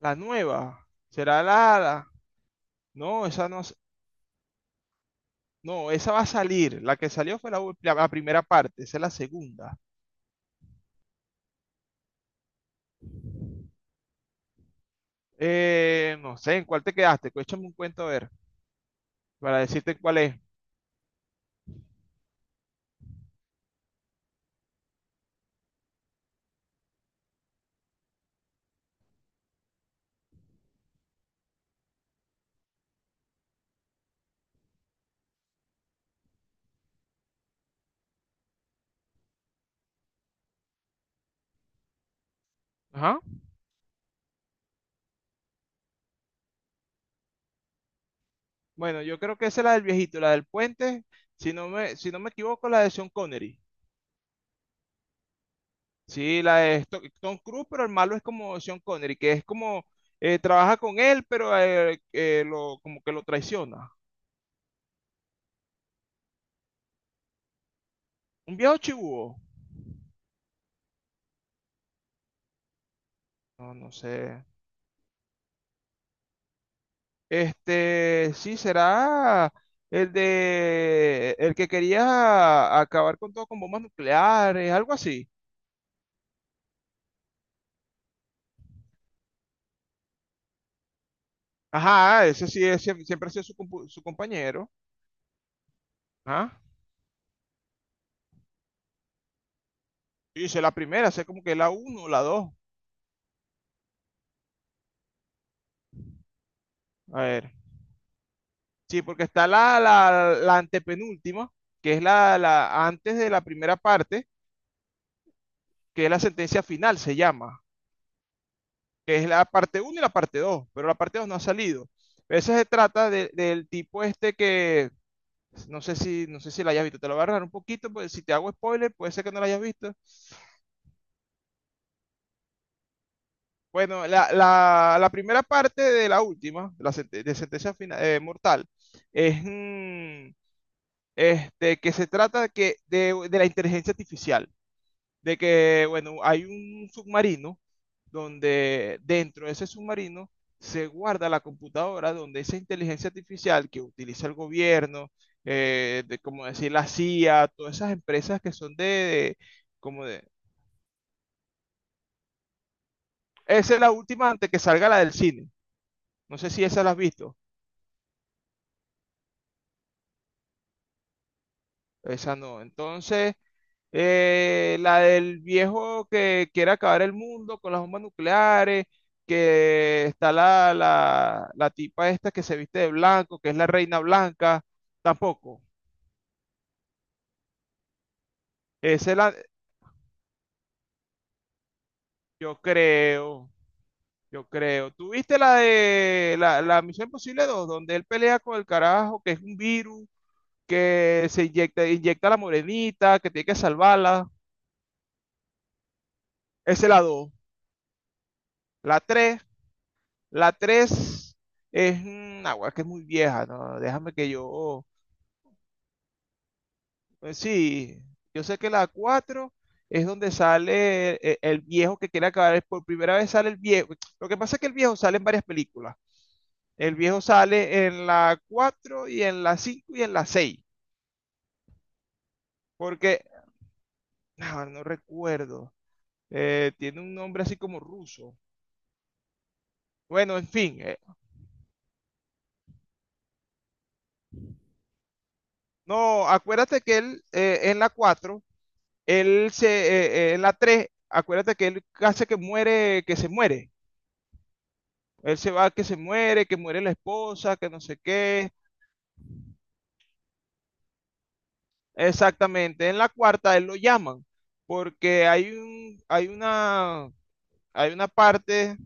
La nueva. ¿Será la? No, esa no. No, esa va a salir. La que salió fue la primera parte. Esa es la segunda. No sé, ¿en cuál te quedaste? Échame un cuento a ver, para decirte cuál es. Ajá. Bueno, yo creo que esa es la del viejito, la del puente. Si no me equivoco, la de Sean Connery. Sí, la de Tom Cruise, pero el malo es como Sean Connery, que es como trabaja con él, pero lo, como que lo traiciona. Un viejo chivo. No, no sé. Este, sí, será el de el que quería acabar con todo con bombas nucleares, algo así. Ajá, ese sí es, siempre ha sido su, su compañero. Ajá. Sí, sé la primera, sé como que la uno, la dos. A ver. Sí, porque está la antepenúltima, que es la antes de la primera parte, que es la sentencia final, se llama, que es la parte uno y la parte dos, pero la parte 2 no ha salido. Esa se trata del tipo este que... No sé no sé si la hayas visto, te lo voy a agarrar un poquito, pues si te hago spoiler, puede ser que no la hayas visto. Bueno, la primera parte de la última, de la sente- de sentencia final mortal, es este, que se trata que de la inteligencia artificial. De que, bueno, hay un submarino donde dentro de ese submarino se guarda la computadora donde esa inteligencia artificial que utiliza el gobierno, de, como decir la CIA, todas esas empresas que son como de... Esa es la última antes que salga la del cine. No sé si esa la has visto. Esa no. Entonces, la del viejo que quiere acabar el mundo con las bombas nucleares, que está la tipa esta que se viste de blanco, que es la reina blanca, tampoco. Esa es la, yo creo, yo creo. ¿Tú viste la de la Misión Imposible dos donde él pelea con el carajo, que es un virus, que se inyecta a la morenita, que tiene que salvarla? Esa es la dos. La tres, la 3 es una agua que es muy vieja, ¿no? Déjame que yo... pues sí, yo sé que la 4 es donde sale el viejo que quiere acabar. Por primera vez sale el viejo. Lo que pasa es que el viejo sale en varias películas. El viejo sale en la 4 y en la 5 y en la seis. Porque, ah, no, recuerdo. Tiene un nombre así como ruso. Bueno, en fin, no, acuérdate que él en la cuatro... Él se, en la 3, acuérdate que él hace que muere, que se muere. Él se va, que se muere, que muere la esposa, que no sé qué. Exactamente. En la cuarta él lo llaman porque hay un, hay una parte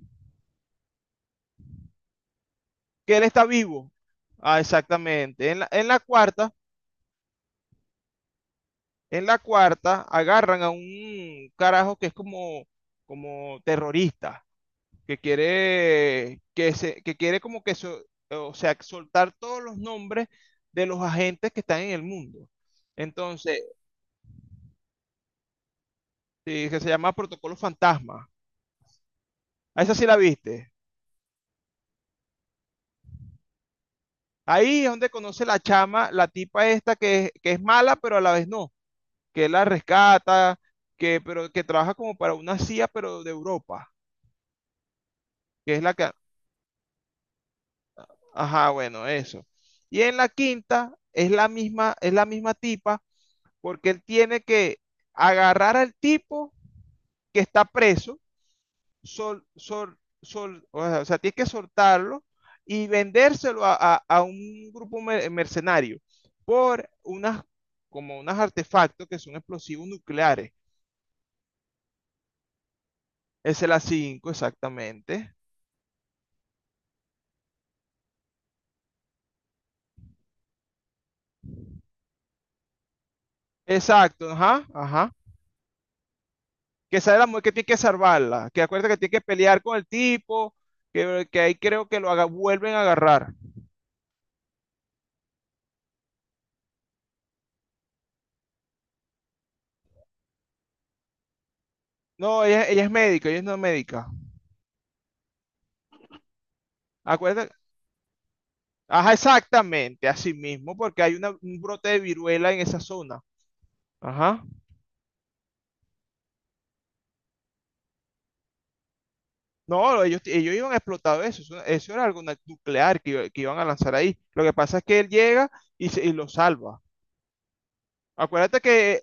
que él está vivo. Ah, exactamente. En en la cuarta agarran a un carajo que es como, como terrorista, que quiere, que se, que quiere como que, o sea, soltar todos los nombres de los agentes que están en el mundo. Entonces, sí, que se llama Protocolo Fantasma. A esa sí la viste. Ahí es donde conoce la chama, la tipa esta que que es mala, pero a la vez no, que la rescata, que, pero que trabaja como para una CIA, pero de Europa, que es la que, ajá, bueno, eso. Y en la quinta es la misma tipa porque él tiene que agarrar al tipo que está preso, o sea, tiene que soltarlo y vendérselo a un grupo mercenario por unas, como unos artefactos que son explosivos nucleares. Esa es la 5, exactamente. Exacto, ajá, ajá. Que sale la mujer que tiene que salvarla, que acuerda que tiene que pelear con el tipo, que ahí creo que lo haga, vuelven a agarrar. No, ella es médica, ella es no médica. Acuérdate, ajá, exactamente, así mismo, porque hay una- un brote de viruela en esa zona. Ajá. No, ellos iban a explotar eso era algo nuclear que, que iban a lanzar ahí. Lo que pasa es que él llega y, y lo salva. Acuérdate que,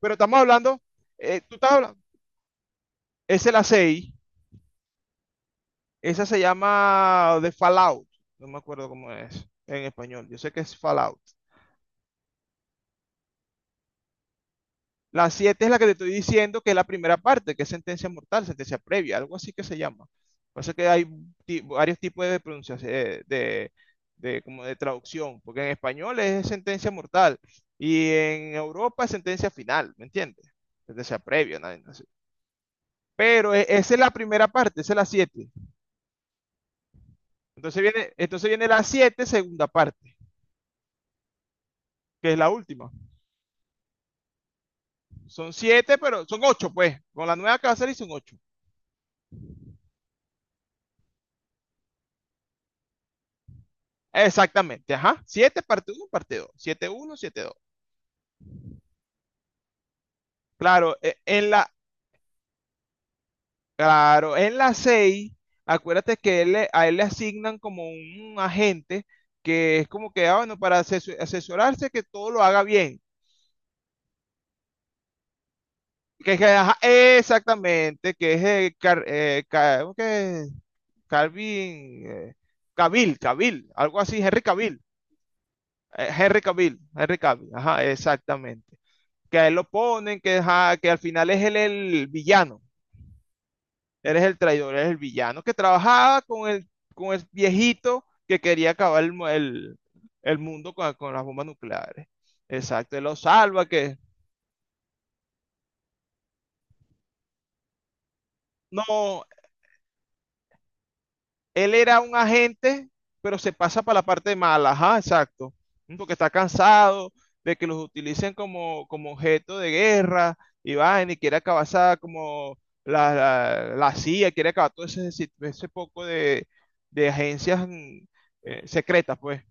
pero estamos hablando, tú estás hablando, es la 6, esa se llama de Fallout, no me acuerdo cómo es en español, yo sé que es Fallout. La 7 es la que te estoy diciendo que es la primera parte, que es sentencia mortal, sentencia previa, algo así que se llama. Pasa que hay varios tipos de pronunciación, de, como de traducción, porque en español es sentencia mortal y en Europa es sentencia final, ¿me entiendes? Sentencia previa, nada, nada. Pero esa es la primera parte, esa es la siete. Entonces viene la 7 segunda parte, que es la última. Son siete, pero son ocho, pues. Con la nueva que va a salir son ocho. Exactamente, ajá. 7 parte uno, parte dos. Siete uno, siete dos. Claro, claro, en la 6, acuérdate que él a él le asignan como un agente que es como que, ah, bueno, para asesorarse que todo lo haga bien. Que, ajá, exactamente, que es ¿cómo que es? Calvin, Cavill, Cavill, algo así, Henry Cavill, Henry Cavill, ajá, exactamente. Que a él lo ponen, que, ajá, que al final es él el villano. Eres el traidor, eres el villano que trabajaba con el viejito que quería acabar el mundo con las bombas nucleares. Exacto, él lo salva, que no, él era un agente, pero se pasa para la parte mala, ajá, exacto, porque está cansado de que los utilicen como, como objeto de guerra y va, y quiere acabar como la CIA, quiere acabar todo ese, ese poco de agencias secretas, pues.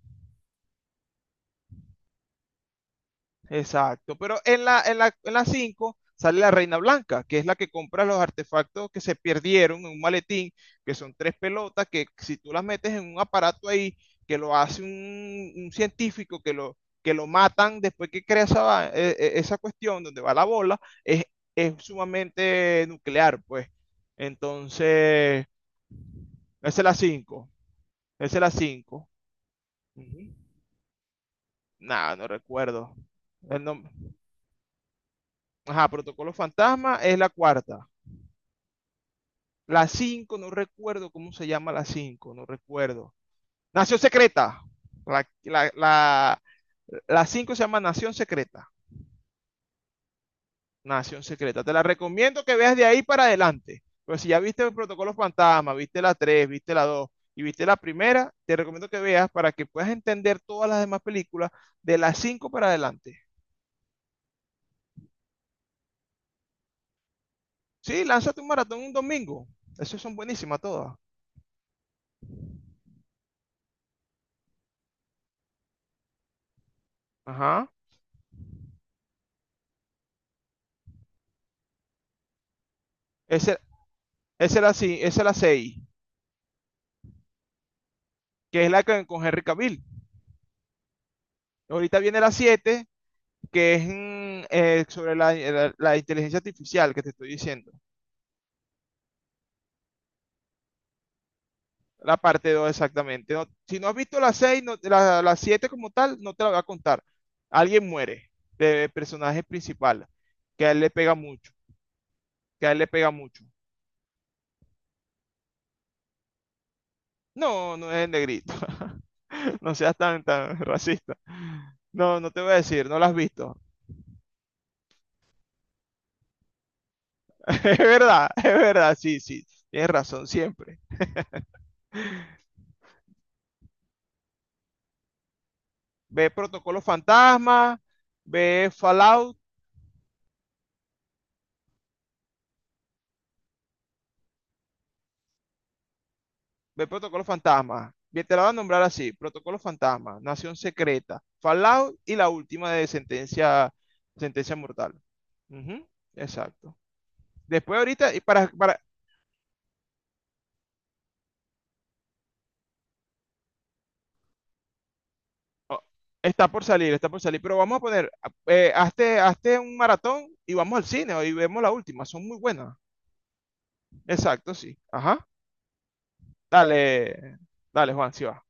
Exacto, pero en en la 5 sale la Reina Blanca, que es la que compra los artefactos que se perdieron en un maletín, que son tres pelotas, que si tú las metes en un aparato ahí, que lo hace un científico, que lo matan después que crea esa, esa cuestión donde va la bola, es sumamente nuclear, pues. Entonces, esa es la cinco, esa es la cinco. Ujú. Nada, no recuerdo. El nombre... Ajá, Protocolo Fantasma es la cuarta. La 5 no recuerdo cómo se llama, la 5 no recuerdo. Nación Secreta. La, la, la, la 5 se llama Nación Secreta. Nación Secreta. Te la recomiendo que veas de ahí para adelante. Pero si ya viste el Protocolo Fantasma, viste la tres, viste la 2 y viste la primera, te recomiendo que veas para que puedas entender todas las demás películas de las 5 para adelante. Sí, lánzate un maratón un domingo. Esas son buenísimas todas. Ajá. Esa, esa es la seis, que es la que, con Henry Cavill. Ahorita viene la siete, que es sobre la inteligencia artificial que te estoy diciendo. La parte dos, exactamente. No, si no has visto la 6 la 7 como tal, no te la voy a contar. Alguien muere de personaje principal, que a él le pega mucho, que a él le pega mucho. No, no es el negrito. No seas tan racista. No, no te voy a decir, no la has visto. Es verdad, sí, sí. Tienes razón siempre. Ve Protocolo Fantasma, ve Fallout. Ve Protocolo Fantasma. Bien, te la voy a nombrar así. Protocolo Fantasma, Nación Secreta, Fallout y la última de Sentencia, Sentencia Mortal. Ujú, exacto. Después ahorita, y oh, está por salir, pero vamos a poner, hazte, hazte un maratón y vamos al cine y vemos la última. Son muy buenas. Exacto, sí. Ajá. Dale, dale, Juan, sí va.